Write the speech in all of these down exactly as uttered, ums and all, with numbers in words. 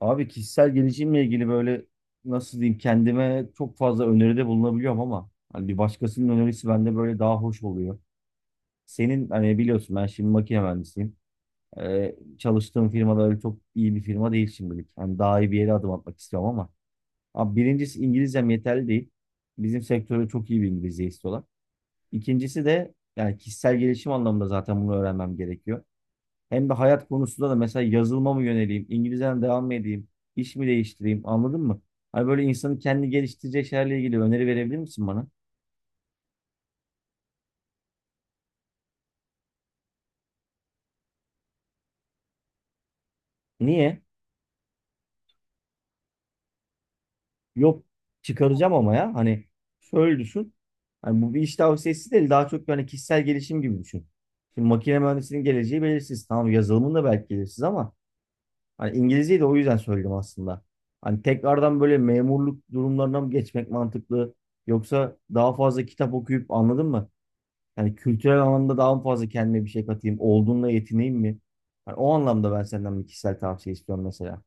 Abi kişisel gelişimle ilgili böyle nasıl diyeyim kendime çok fazla öneride bulunabiliyorum ama hani bir başkasının önerisi bende böyle daha hoş oluyor. Senin hani biliyorsun ben şimdi makine mühendisiyim. Ee, çalıştığım firma da öyle çok iyi bir firma değil şimdilik. Hani daha iyi bir yere adım atmak istiyorum ama. Abi birincisi İngilizcem yeterli değil. Bizim sektörde çok iyi bir İngilizce istiyorlar. İkincisi de yani kişisel gelişim anlamında zaten bunu öğrenmem gerekiyor. Hem de hayat konusunda da mesela yazılıma mı yöneleyim, İngilizceden devam mı edeyim, iş mi değiştireyim anladın mı? Hani böyle insanın kendi geliştireceği şeylerle ilgili öneri verebilir misin bana? Niye? Yok çıkaracağım ama ya hani şöyle düşün. Hani bu bir iş tavsiyesi değil daha çok yani kişisel gelişim gibi düşün. Şimdi makine mühendisinin geleceği belirsiz. Tamam yazılımın da belki belirsiz ama hani İngilizceyi de o yüzden söyledim aslında. Hani tekrardan böyle memurluk durumlarına mı geçmek mantıklı? Yoksa daha fazla kitap okuyup anladın mı? Yani kültürel anlamda daha mı fazla kendime bir şey katayım? Olduğunla yetineyim mi? Yani o anlamda ben senden bir kişisel tavsiye istiyorum mesela.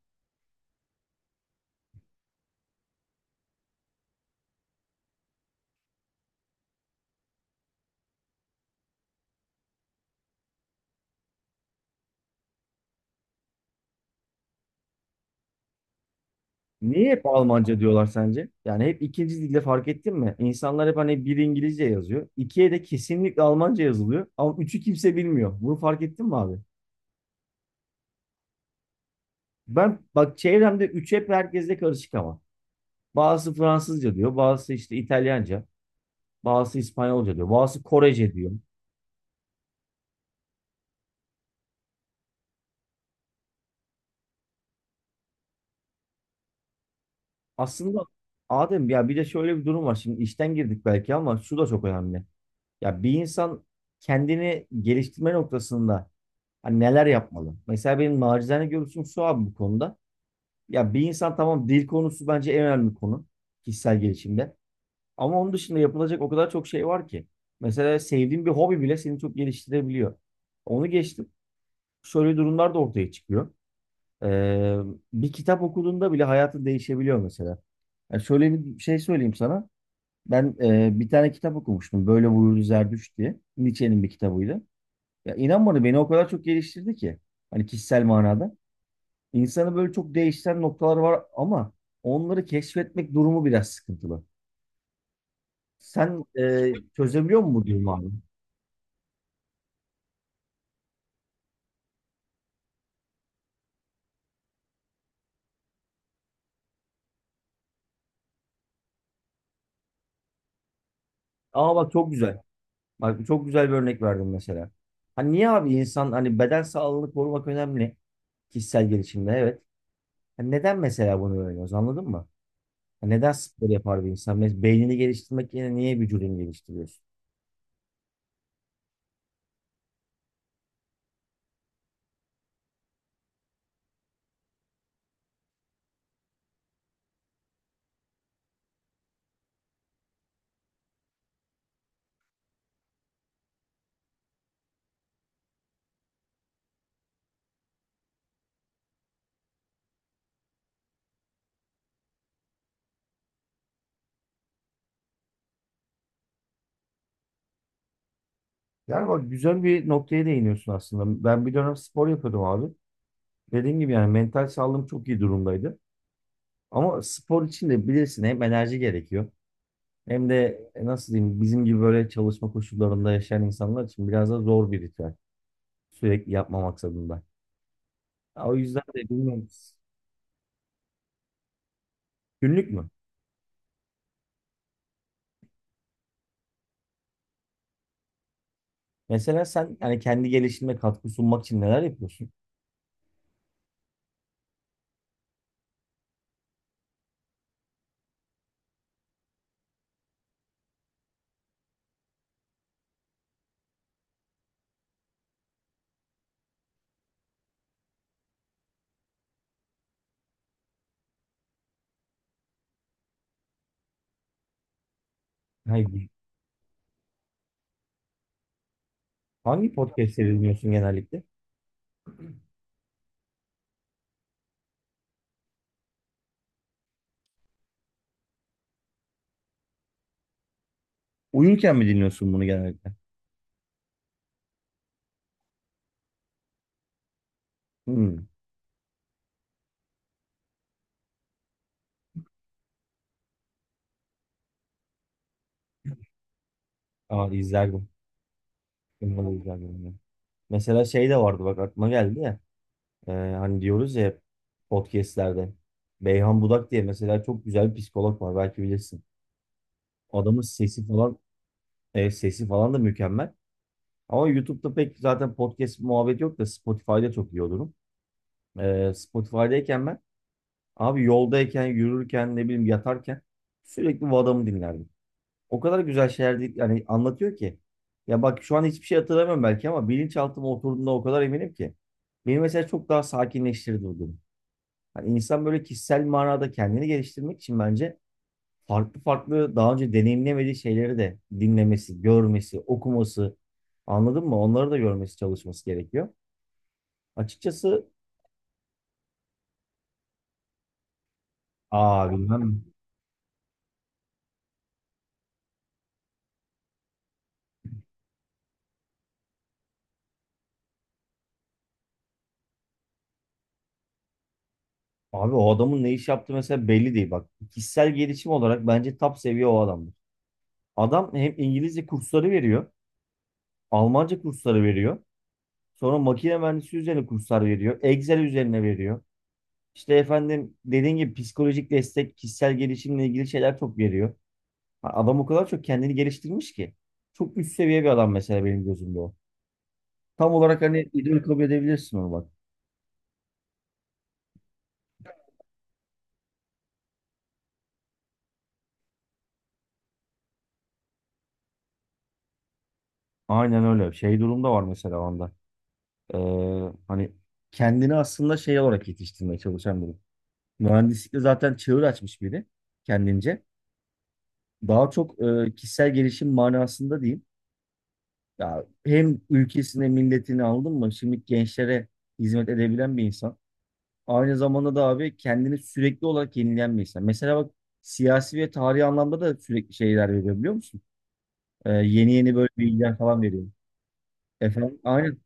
Niye hep Almanca diyorlar sence? Yani hep ikinci dilde fark ettin mi? İnsanlar hep hani bir İngilizce yazıyor. İkiye de kesinlikle Almanca yazılıyor. Ama üçü kimse bilmiyor. Bunu fark ettin mi abi? Ben bak çevremde üç hep herkesle karışık ama. Bazısı Fransızca diyor. Bazısı işte İtalyanca. Bazısı İspanyolca diyor. Bazısı Korece diyor. Aslında Adem ya bir de şöyle bir durum var. Şimdi işten girdik belki ama şu da çok önemli. Ya bir insan kendini geliştirme noktasında hani neler yapmalı? Mesela benim nacizane görüşüm şu abi bu konuda. Ya bir insan tamam dil konusu bence en önemli konu kişisel gelişimde. Ama onun dışında yapılacak o kadar çok şey var ki. Mesela sevdiğin bir hobi bile seni çok geliştirebiliyor. Onu geçtim. Şöyle durumlar da ortaya çıkıyor. Ee, Bir kitap okuduğunda bile hayatın değişebiliyor mesela. Yani şöyle bir şey söyleyeyim sana. Ben e, bir tane kitap okumuştum. Böyle buyurdu Zerdüşt diye. Nietzsche'nin bir kitabıydı. Ya inan bana beni o kadar çok geliştirdi ki. Hani kişisel manada. İnsanı böyle çok değiştiren noktalar var ama onları keşfetmek durumu biraz sıkıntılı. Sen e, çözebiliyor musun bu durumu abi? Aa bak çok güzel. Bak çok güzel bir örnek verdim mesela. Hani niye abi insan hani beden sağlığını korumak önemli kişisel gelişimde evet. Hani neden mesela bunu öğreniyoruz anladın mı? Hani neden spor yapar bir insan? Mes- Beynini geliştirmek yerine niye vücudunu geliştiriyorsun? Yani bak güzel bir noktaya değiniyorsun aslında. Ben bir dönem spor yapıyordum abi. Dediğim gibi yani mental sağlığım çok iyi durumdaydı. Ama spor için de bilirsin hem enerji gerekiyor hem de e, nasıl diyeyim bizim gibi böyle çalışma koşullarında yaşayan insanlar için biraz da zor bir ritüel. Sürekli yapma maksadında. Ya o yüzden de bilmiyorum. Günlük mü? Mesela sen yani kendi gelişimine katkı sunmak için neler yapıyorsun? Hayır. Hangi podcastleri dinliyorsun genellikle? Uyurken mi dinliyorsun bunu genellikle? Hmm. Aa, izlerdim. Bunları izlerdim. Ben. Mesela şey de vardı bak aklıma geldi ya. Ee, hani diyoruz ya hep podcastlerde. Beyhan Budak diye mesela çok güzel bir psikolog var belki bilirsin. Adamın sesi falan e, sesi falan da mükemmel. Ama YouTube'da pek zaten podcast muhabbet yok da Spotify'da çok iyi olurum. Ee, Spotify'dayken ben abi yoldayken, yürürken, ne bileyim yatarken sürekli bu adamı dinlerdim. O kadar güzel şeyler değil, yani anlatıyor ki. Ya bak şu an hiçbir şey hatırlamıyorum belki ama bilinçaltıma oturduğunda o kadar eminim ki. Beni mesela çok daha sakinleştirdi. Hani insan böyle kişisel manada kendini geliştirmek için bence farklı farklı daha önce deneyimlemediği şeyleri de dinlemesi, görmesi, okuması, anladın mı? Onları da görmesi, çalışması gerekiyor. Açıkçası aa bilmem. Abi o adamın ne iş yaptığı mesela belli değil. Bak kişisel gelişim olarak bence top seviye o adamdır. Adam hem İngilizce kursları veriyor, Almanca kursları veriyor. Sonra makine mühendisi üzerine kurslar veriyor. Excel üzerine veriyor. İşte efendim dediğin gibi psikolojik destek, kişisel gelişimle ilgili şeyler çok veriyor. Ha, adam o kadar çok kendini geliştirmiş ki. Çok üst seviye bir adam mesela benim gözümde o. Tam olarak hani idol kabul edebilirsin onu bak. Aynen öyle. Şey durumda var mesela onda. Ee, hani kendini aslında şey olarak yetiştirmeye çalışan biri. Mühendislikte zaten çığır açmış biri kendince. Daha çok e, kişisel gelişim manasında diyeyim. Ya hem ülkesine, milletini aldın mı? Şimdi gençlere hizmet edebilen bir insan. Aynı zamanda da abi kendini sürekli olarak yenileyen bir insan. Mesela bak siyasi ve tarihi anlamda da sürekli şeyler veriyor biliyor musun? Ee, yeni yeni böyle bilgiler falan veriyor. Efendim aynen.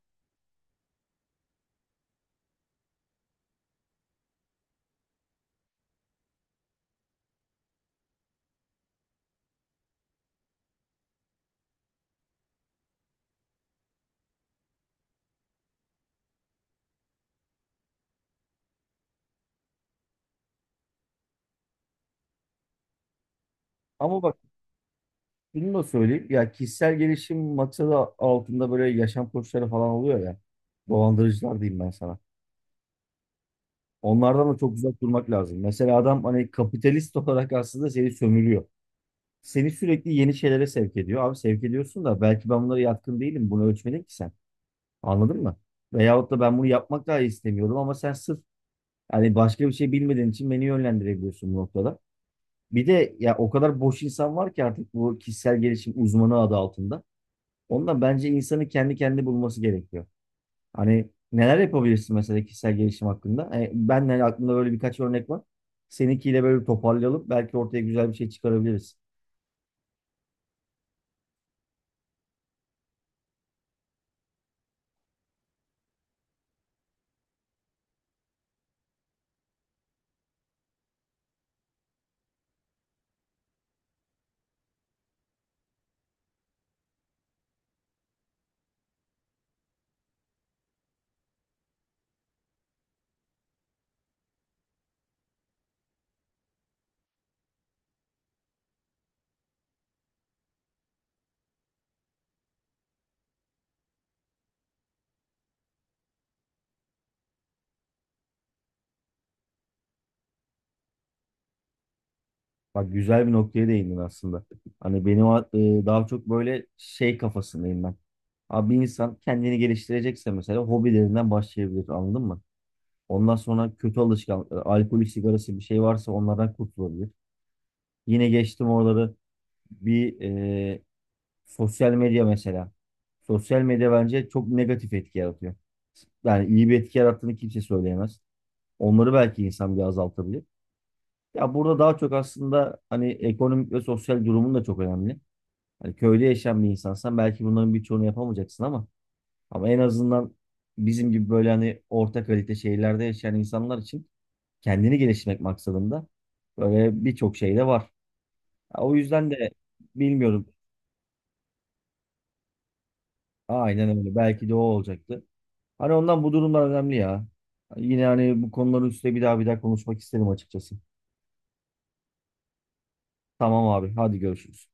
Ama bak şunu da söyleyeyim. Ya kişisel gelişim maksadı altında böyle yaşam koçları falan oluyor ya. Dolandırıcılar diyeyim ben sana. Onlardan da çok uzak durmak lazım. Mesela adam hani kapitalist olarak aslında seni sömürüyor. Seni sürekli yeni şeylere sevk ediyor. Abi sevk ediyorsun da belki ben bunlara yatkın değilim. Bunu ölçmedin ki sen. Anladın mı? Veyahut da ben bunu yapmak dahi istemiyordum ama sen sırf yani başka bir şey bilmediğin için beni yönlendirebiliyorsun bu noktada. Bir de ya o kadar boş insan var ki artık bu kişisel gelişim uzmanı adı altında. Ondan bence insanın kendi kendi bulması gerekiyor. Hani neler yapabilirsin mesela kişisel gelişim hakkında? Hani ben de aklımda böyle birkaç örnek var. Seninkiyle böyle bir toparlayalım. Belki ortaya güzel bir şey çıkarabiliriz. Bak güzel bir noktaya değindin aslında. Hani benim a- e, daha çok böyle şey kafasındayım ben. Abi bir insan kendini geliştirecekse mesela hobilerinden başlayabilir anladın mı? Ondan sonra kötü alışkanlık, e, alkolü, sigarası bir şey varsa onlardan kurtulabilir. Yine geçtim oraları bir e, sosyal medya mesela. Sosyal medya bence çok negatif etki yaratıyor. Yani iyi bir etki yarattığını kimse söyleyemez. Onları belki insan bir azaltabilir. Ya burada daha çok aslında hani ekonomik ve sosyal durumun da çok önemli. Hani köyde yaşayan bir insansan belki bunların birçoğunu yapamayacaksın ama ama en azından bizim gibi böyle hani orta kalite şehirlerde yaşayan insanlar için kendini geliştirmek maksadında böyle birçok şey de var. Ya o yüzden de bilmiyorum. Aynen öyle. Belki de o olacaktı. Hani ondan bu durumlar önemli ya. Yine hani bu konuların üstüne bir daha bir daha konuşmak isterim açıkçası. Tamam abi, hadi görüşürüz.